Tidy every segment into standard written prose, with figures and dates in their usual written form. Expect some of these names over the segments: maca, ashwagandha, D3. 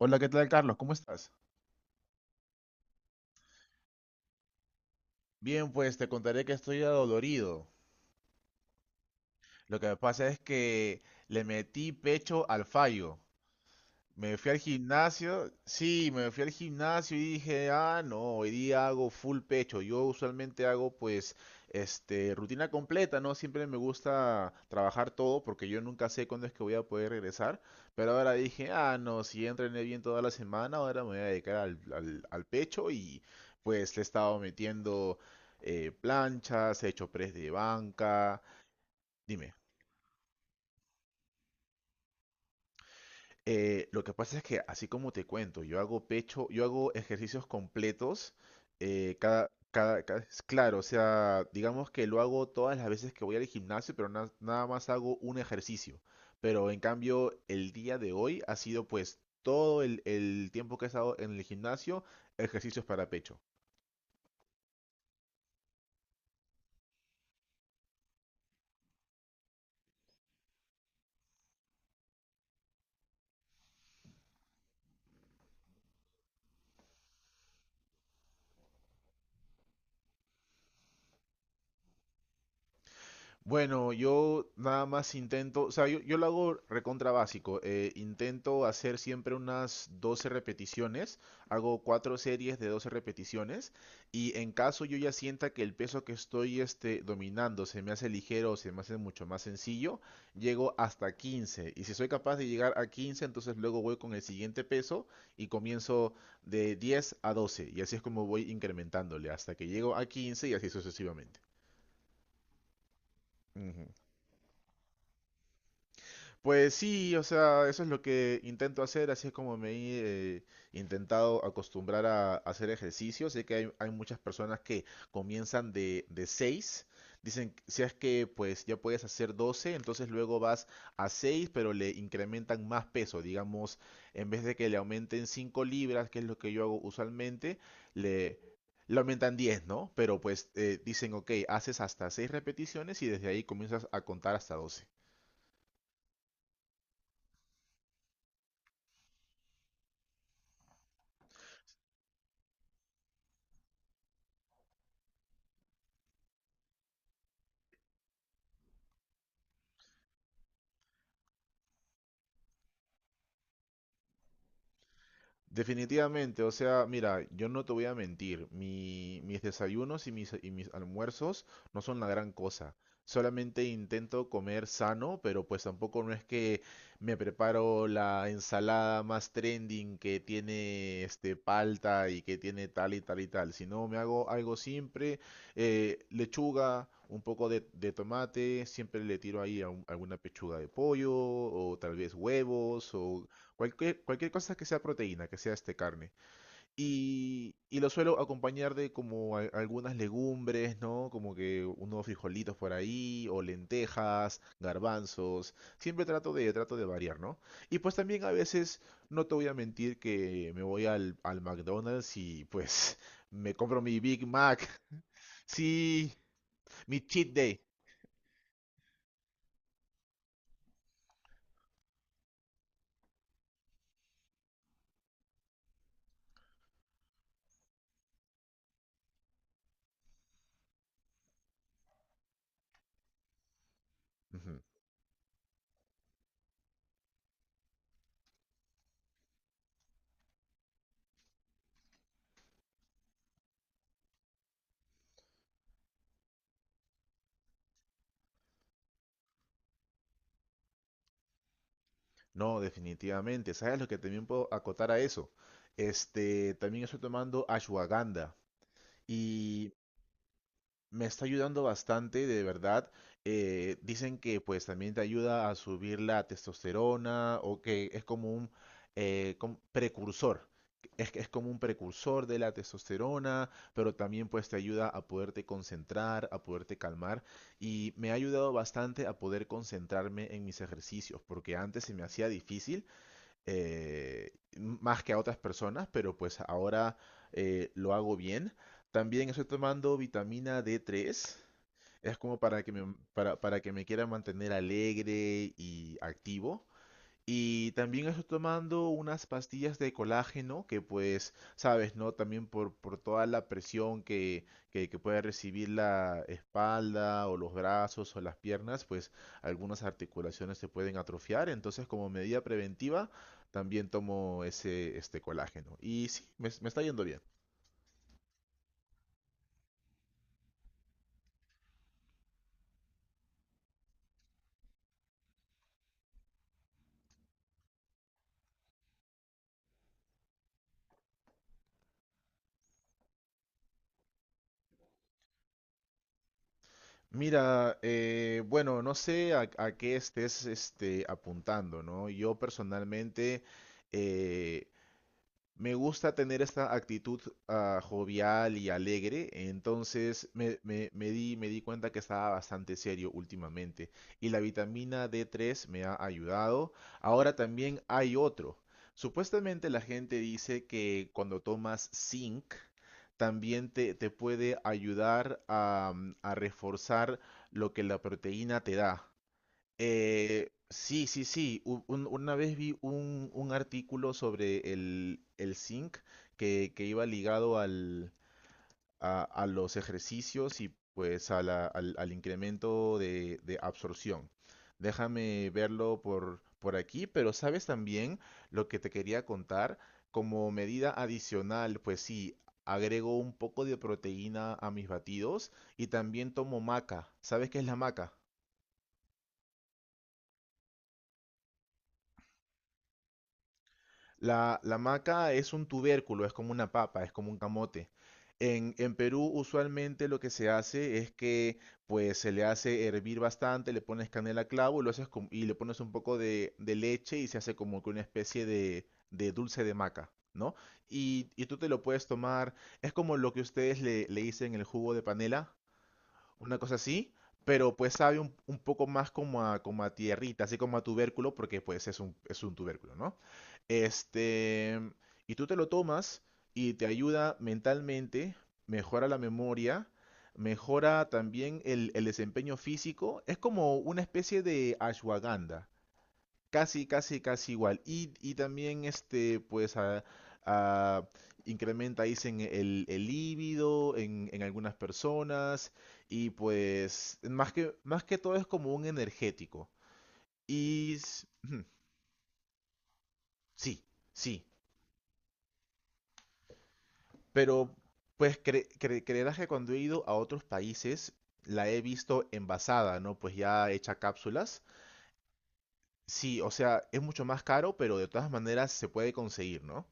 Hola, ¿qué tal, Carlos? ¿Cómo estás? Bien, pues te contaré que estoy adolorido. Lo que me pasa es que le metí pecho al fallo. Me fui al gimnasio, sí, me fui al gimnasio y dije, ah, no, hoy día hago full pecho. Yo usualmente hago pues, este, rutina completa, ¿no? Siempre me gusta trabajar todo porque yo nunca sé cuándo es que voy a poder regresar. Pero ahora dije, ah, no, si ya entrené bien toda la semana, ahora me voy a dedicar al pecho y pues le he estado metiendo planchas, he hecho press de banca. Dime. Lo que pasa es que, así como te cuento, yo hago pecho, yo hago ejercicios completos, cada es claro, o sea, digamos que lo hago todas las veces que voy al gimnasio, pero nada más hago un ejercicio. Pero en cambio, el día de hoy ha sido pues todo el tiempo que he estado en el gimnasio, ejercicios para pecho. Bueno, yo nada más intento, o sea, yo lo hago recontra básico. Intento hacer siempre unas 12 repeticiones. Hago cuatro series de 12 repeticiones. Y en caso yo ya sienta que el peso que estoy dominando se me hace ligero o se me hace mucho más sencillo, llego hasta 15. Y si soy capaz de llegar a 15, entonces luego voy con el siguiente peso y comienzo de 10 a doce. Y así es como voy incrementándole hasta que llego a 15 y así sucesivamente. Pues sí, o sea, eso es lo que intento hacer, así es como me he intentado acostumbrar a hacer ejercicio. Sé que hay muchas personas que comienzan de 6, dicen, si es que pues ya puedes hacer 12, entonces luego vas a 6, pero le incrementan más peso, digamos, en vez de que le aumenten 5 libras, que es lo que yo hago usualmente, le... Le aumentan 10, ¿no? Pero pues dicen, ok, haces hasta 6 repeticiones y desde ahí comienzas a contar hasta 12. Definitivamente, o sea, mira, yo no te voy a mentir, mis desayunos y mis almuerzos no son la gran cosa. Solamente intento comer sano, pero pues tampoco no es que me preparo la ensalada más trending que tiene este palta y que tiene tal y tal y tal, sino me hago algo simple, lechuga, un poco de tomate, siempre le tiro ahí a alguna pechuga de pollo o tal vez huevos o cualquier, cualquier cosa que sea proteína, que sea este carne. Y lo suelo acompañar de como algunas legumbres, ¿no? Como que unos frijolitos por ahí, o lentejas, garbanzos. Siempre trato de variar, ¿no? Y pues también a veces, no te voy a mentir que me voy al McDonald's y pues me compro mi Big Mac. Sí, mi cheat day. Ujú. No, definitivamente. ¿Sabes lo que también puedo acotar a eso? Este, también estoy tomando ashwagandha, y me está ayudando bastante, de verdad. Dicen que pues también te ayuda a subir la testosterona o que es como un precursor. Es, que es como un precursor de la testosterona, pero también pues te ayuda a poderte concentrar, a poderte calmar y me ha ayudado bastante a poder concentrarme en mis ejercicios, porque antes se me hacía difícil eh, más que a otras personas, pero pues ahora lo hago bien. También estoy tomando vitamina D3. Es como para que me quiera mantener alegre y activo. Y también estoy tomando unas pastillas de colágeno que pues, sabes, ¿no? También por toda la presión que puede recibir la espalda o los brazos o las piernas, pues algunas articulaciones se pueden atrofiar. Entonces, como medida preventiva, también tomo ese este colágeno. Y sí, me está yendo bien. Mira, bueno, no sé a qué estés este, apuntando, ¿no? Yo personalmente... eh, Me gusta tener esta actitud jovial y alegre, entonces me di cuenta que estaba bastante serio últimamente y la vitamina D3 me ha ayudado. Ahora también hay otro. Supuestamente la gente dice que cuando tomas zinc también te puede ayudar a, a reforzar lo que la proteína te da. Sí, sí, sí. Una vez vi un artículo sobre el zinc que iba ligado a los ejercicios y pues a al incremento de absorción. Déjame verlo por aquí, pero sabes también lo que te quería contar. Como medida adicional, pues sí, agrego un poco de proteína a mis batidos y también tomo maca. ¿Sabes qué es la maca? La maca es un tubérculo, es como una papa, es como un camote. En Perú usualmente lo que se hace es que pues se le hace hervir bastante, le pones canela a clavo y, lo haces y le pones un poco de leche y se hace como que una especie de dulce de maca, ¿no? Y tú te lo puedes tomar, es como lo que ustedes le, le dicen el jugo de panela, una cosa así, pero pues sabe un poco más como a, como a tierrita, así como a tubérculo, porque pues es un tubérculo, ¿no? Este, y tú te lo tomas y te ayuda mentalmente, mejora la memoria, mejora también el desempeño físico, es como una especie de ashwagandha. Casi, casi, casi igual. Y también este, pues, a- incrementa, dicen, el líbido en algunas personas. Y pues, más que todo es como un energético. Y ujú, sí, sí. Pero, pues, creerás que cuando he ido a otros países, la he visto envasada, ¿no? Pues ya hecha cápsulas. Sí, o sea, es mucho más caro, pero de todas maneras se puede conseguir, ¿no?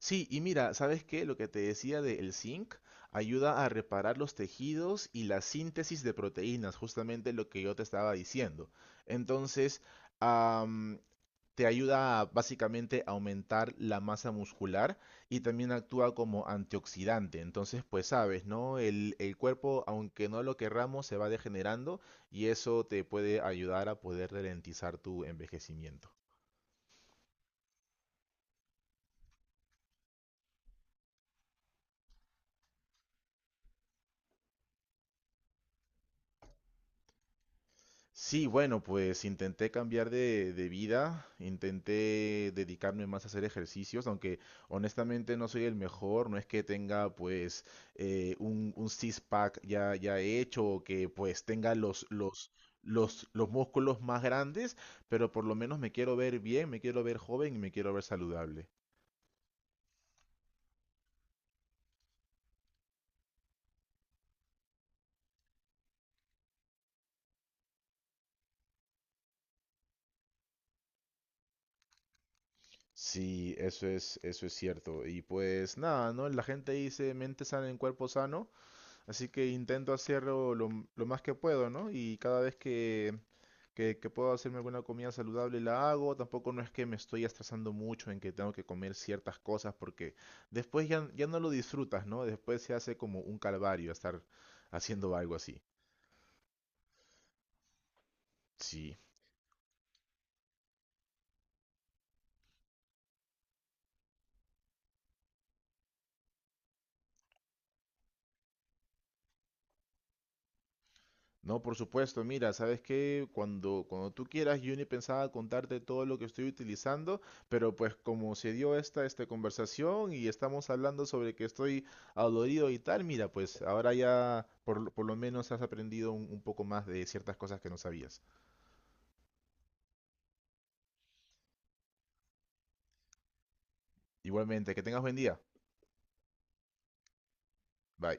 Sí, y mira, ¿sabes qué? Lo que te decía del zinc ayuda a reparar los tejidos y la síntesis de proteínas, justamente lo que yo te estaba diciendo. Entonces, am, te ayuda a básicamente aumentar la masa muscular y también actúa como antioxidante. Entonces, pues sabes, ¿no? El cuerpo, aunque no lo querramos, se va degenerando y eso te puede ayudar a poder ralentizar tu envejecimiento. Sí, bueno, pues intenté cambiar de vida, intenté dedicarme más a hacer ejercicios, aunque honestamente no soy el mejor, no es que tenga pues un six-pack ya hecho o que pues tenga los músculos más grandes, pero por lo menos me quiero ver bien, me quiero ver joven y me quiero ver saludable. Sí, eso es cierto. Y pues nada, ¿no? La gente dice mente sana en cuerpo sano. Así que intento hacerlo lo más que puedo, ¿no? Y cada vez que puedo hacerme alguna comida saludable la hago. Tampoco no es que me estoy estresando mucho en que tengo que comer ciertas cosas porque después ya, ya no lo disfrutas, ¿no? Después se hace como un calvario estar haciendo algo así. Sí. No, por supuesto, mira, sabes que cuando tú quieras, Juni pensaba contarte todo lo que estoy utilizando, pero pues como se dio esta conversación y estamos hablando sobre que estoy adolorido y tal, mira, pues ahora ya por, por lo menos has aprendido un poco más de ciertas cosas que no sabías. Igualmente, que tengas buen día. Bye.